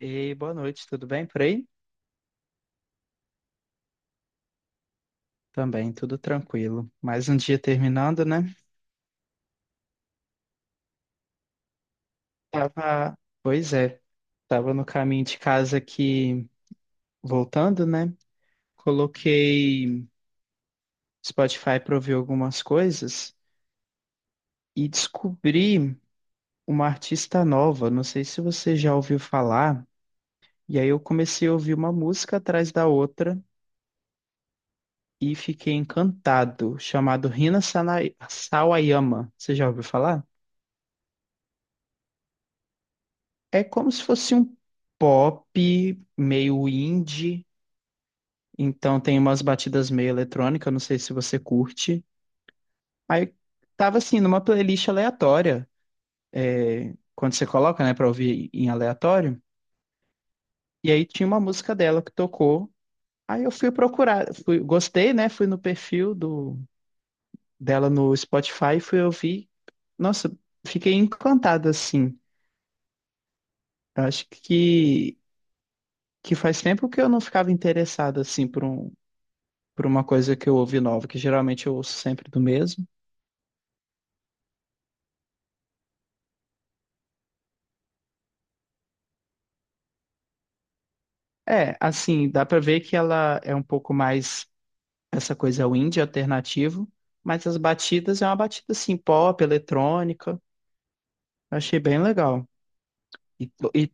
E boa noite, tudo bem por aí? Também, tudo tranquilo. Mais um dia terminando, né? Tava, pois é, tava no caminho de casa aqui, voltando, né? Coloquei Spotify para ouvir algumas coisas e descobri uma artista nova. Não sei se você já ouviu falar. E aí eu comecei a ouvir uma música atrás da outra e fiquei encantado, chamado Rina Sawayama. Você já ouviu falar? É como se fosse um pop meio indie, então tem umas batidas meio eletrônica, não sei se você curte. Aí tava assim numa playlist aleatória, é, quando você coloca, né, pra ouvir em aleatório. E aí tinha uma música dela que tocou. Aí eu fui procurar, fui, gostei, né? Fui no perfil dela no Spotify, fui ouvir. Nossa, fiquei encantado assim. Eu acho que faz tempo que eu não ficava interessado assim por uma coisa que eu ouvi nova, que geralmente eu ouço sempre do mesmo. É, assim, dá pra ver que ela é um pouco mais essa coisa indie alternativo, mas as batidas é uma batida assim pop, eletrônica. Eu achei bem legal. E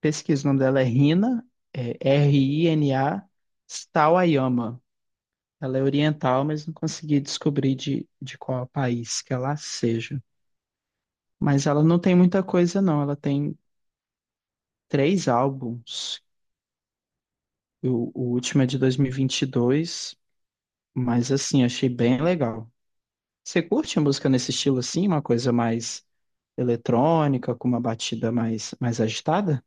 pesquisa, o nome dela é Rina, é Rina Sawayama. Ela é oriental, mas não consegui descobrir de qual país que ela seja. Mas ela não tem muita coisa, não. Ela tem três álbuns. O último é de dois mil e vinte e dois, mas assim, achei bem legal. Você curte a música nesse estilo assim, uma coisa mais eletrônica, com uma batida mais agitada?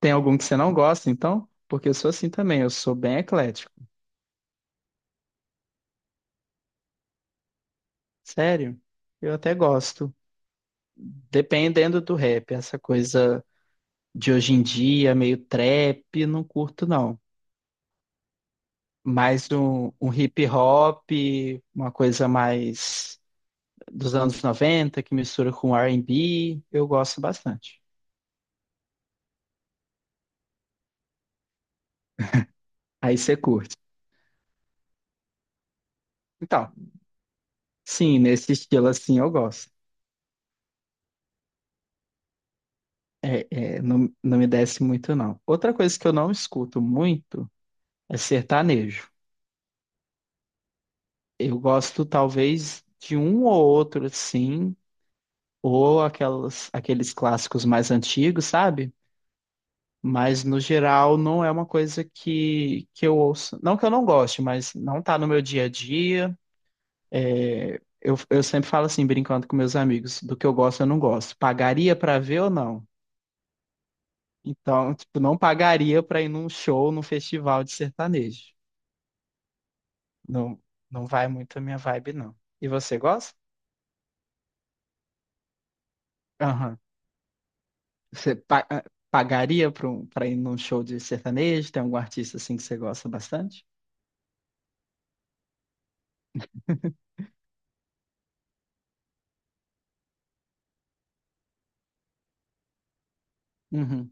Tem algum que você não gosta, então? Porque eu sou assim também, eu sou bem eclético. Sério, eu até gosto. Dependendo do rap, essa coisa de hoje em dia, meio trap, não curto não. Mais um hip hop, uma coisa mais dos anos 90 que mistura com R&B, eu gosto bastante. Aí você curte. Então, sim, nesse estilo assim eu gosto. É, não, não me desce muito, não. Outra coisa que eu não escuto muito é sertanejo. Eu gosto talvez de um ou outro, assim, ou aqueles clássicos mais antigos, sabe? Mas no geral não é uma coisa que eu ouço. Não que eu não goste, mas não tá no meu dia a dia. É, eu sempre falo assim, brincando com meus amigos, do que eu gosto, eu não gosto. Pagaria pra ver ou não? Então, tipo, não pagaria pra ir num show, num festival de sertanejo. Não, não vai muito a minha vibe, não. E você gosta? Aham. Você pagaria pra ir num show de sertanejo? Tem algum artista assim que você gosta bastante? Uhum.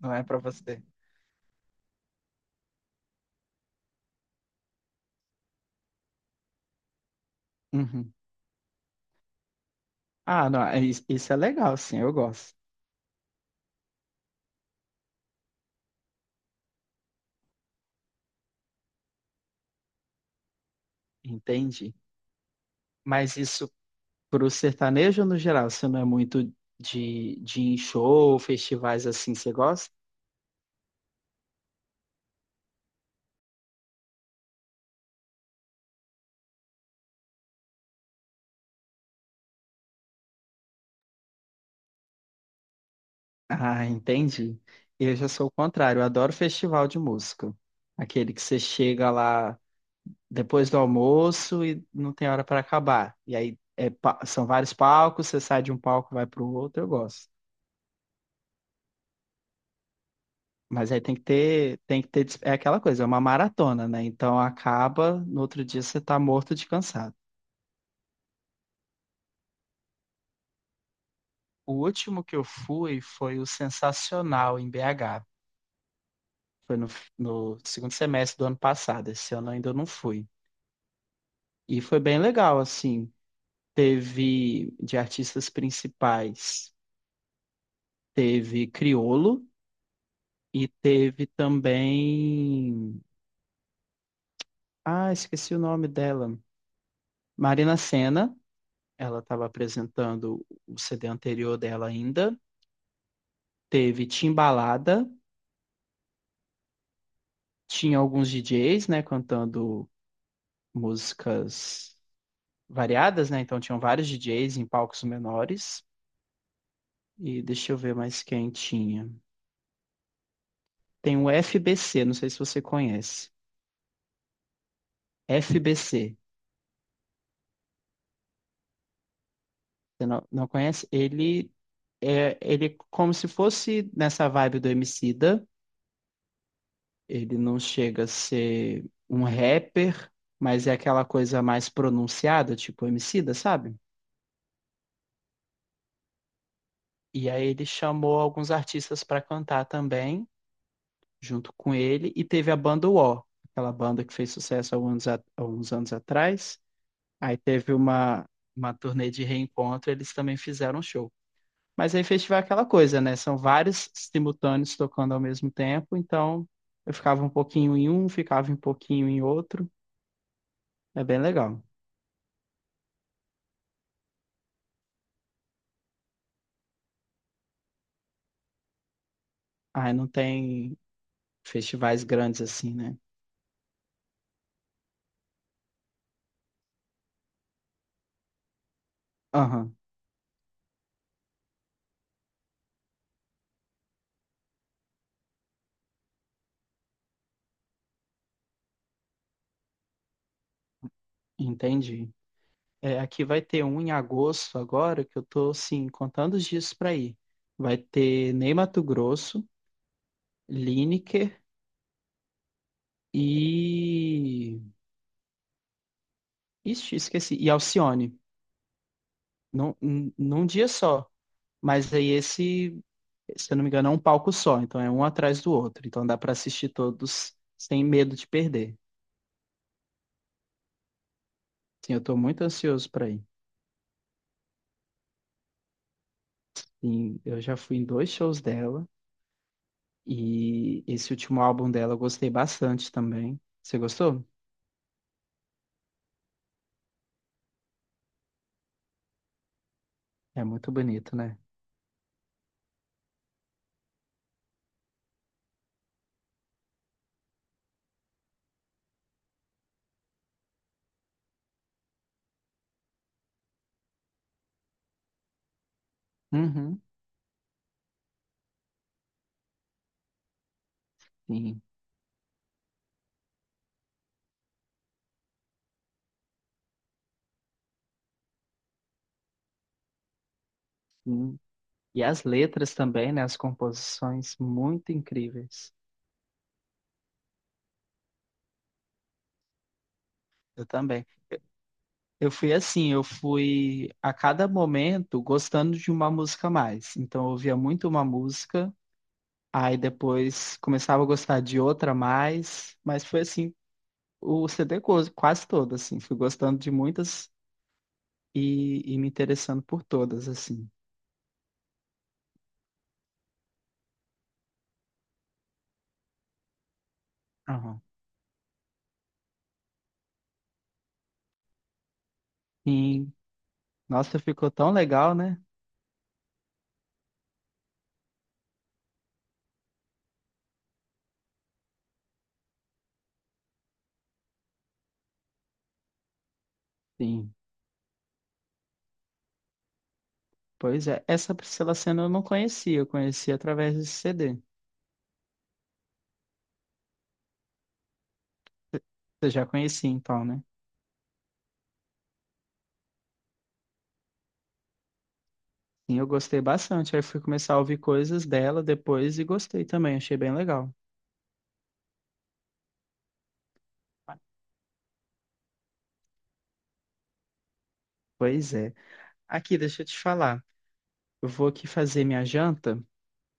Não é pra você. Uhum. Ah, não, é isso é legal, sim, eu gosto. Entendi. Mas isso Pro sertanejo no geral, você não é muito de ir em show, festivais assim, você gosta? Ah, entendi. Eu já sou o contrário, eu adoro festival de música. Aquele que você chega lá depois do almoço e não tem hora para acabar. E aí são vários palcos, você sai de um palco, vai para o outro, eu gosto. Mas aí tem que ter, é aquela coisa, é uma maratona, né? Então acaba, no outro dia você tá morto de cansado. O último que eu fui foi o Sensacional em BH. Foi no segundo semestre do ano passado. Esse ano ainda eu não fui. E foi bem legal, assim. Teve de artistas principais, teve Criolo e teve também. Ah, esqueci o nome dela. Marina Sena. Ela estava apresentando o CD anterior dela ainda. Teve Timbalada. Tinha alguns DJs, né, cantando músicas variadas, né? Então tinham vários DJs em palcos menores. E deixa eu ver mais quem tinha. Tem o FBC, não sei se você conhece. FBC, você não conhece? Ele é como se fosse nessa vibe do Emicida. Ele não chega a ser um rapper, mas é aquela coisa mais pronunciada, tipo Emicida, sabe? E aí ele chamou alguns artistas para cantar também, junto com ele, e teve a banda UO, aquela banda que fez sucesso há alguns anos atrás. Aí teve uma turnê de reencontro, eles também fizeram um show. Mas aí festival é aquela coisa, né? São vários simultâneos tocando ao mesmo tempo, então eu ficava um pouquinho em um, ficava um pouquinho em outro. É bem legal. Aí não tem festivais grandes assim, né? Aham, entendi. É, aqui vai ter um em agosto agora, que eu tô, assim, contando os dias pra ir. Vai ter Ney Matogrosso, Lineker e... Ixi, esqueci. E Alcione. Num dia só. Mas aí esse, se eu não me engano, é um palco só, então é um atrás do outro. Então dá para assistir todos sem medo de perder. Sim, eu tô muito ansioso para ir. Sim, eu já fui em dois shows dela e esse último álbum dela eu gostei bastante também. Você gostou? É muito bonito, né? Uhum, sim, sim. E as letras também, né? As composições muito incríveis. Eu também. Eu fui assim, eu fui a cada momento gostando de uma música a mais. Então eu ouvia muito uma música, aí depois começava a gostar de outra a mais, mas foi assim, o quase todo, assim, fui gostando de muitas e me interessando por todas, assim. Aham. Sim. Nossa, ficou tão legal, né? Sim. Pois é, essa Priscila Senna eu não conhecia, eu conheci através desse CD. Você já conhecia então, né? Sim, eu gostei bastante. Aí fui começar a ouvir coisas dela depois e gostei também, achei bem legal. Pois é. Aqui, deixa eu te falar. Eu vou aqui fazer minha janta.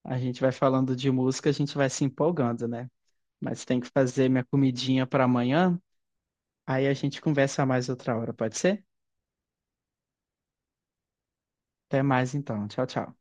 A gente vai falando de música, a gente vai se empolgando, né? Mas tem que fazer minha comidinha para amanhã. Aí a gente conversa mais outra hora, pode ser? Até mais então. Tchau, tchau.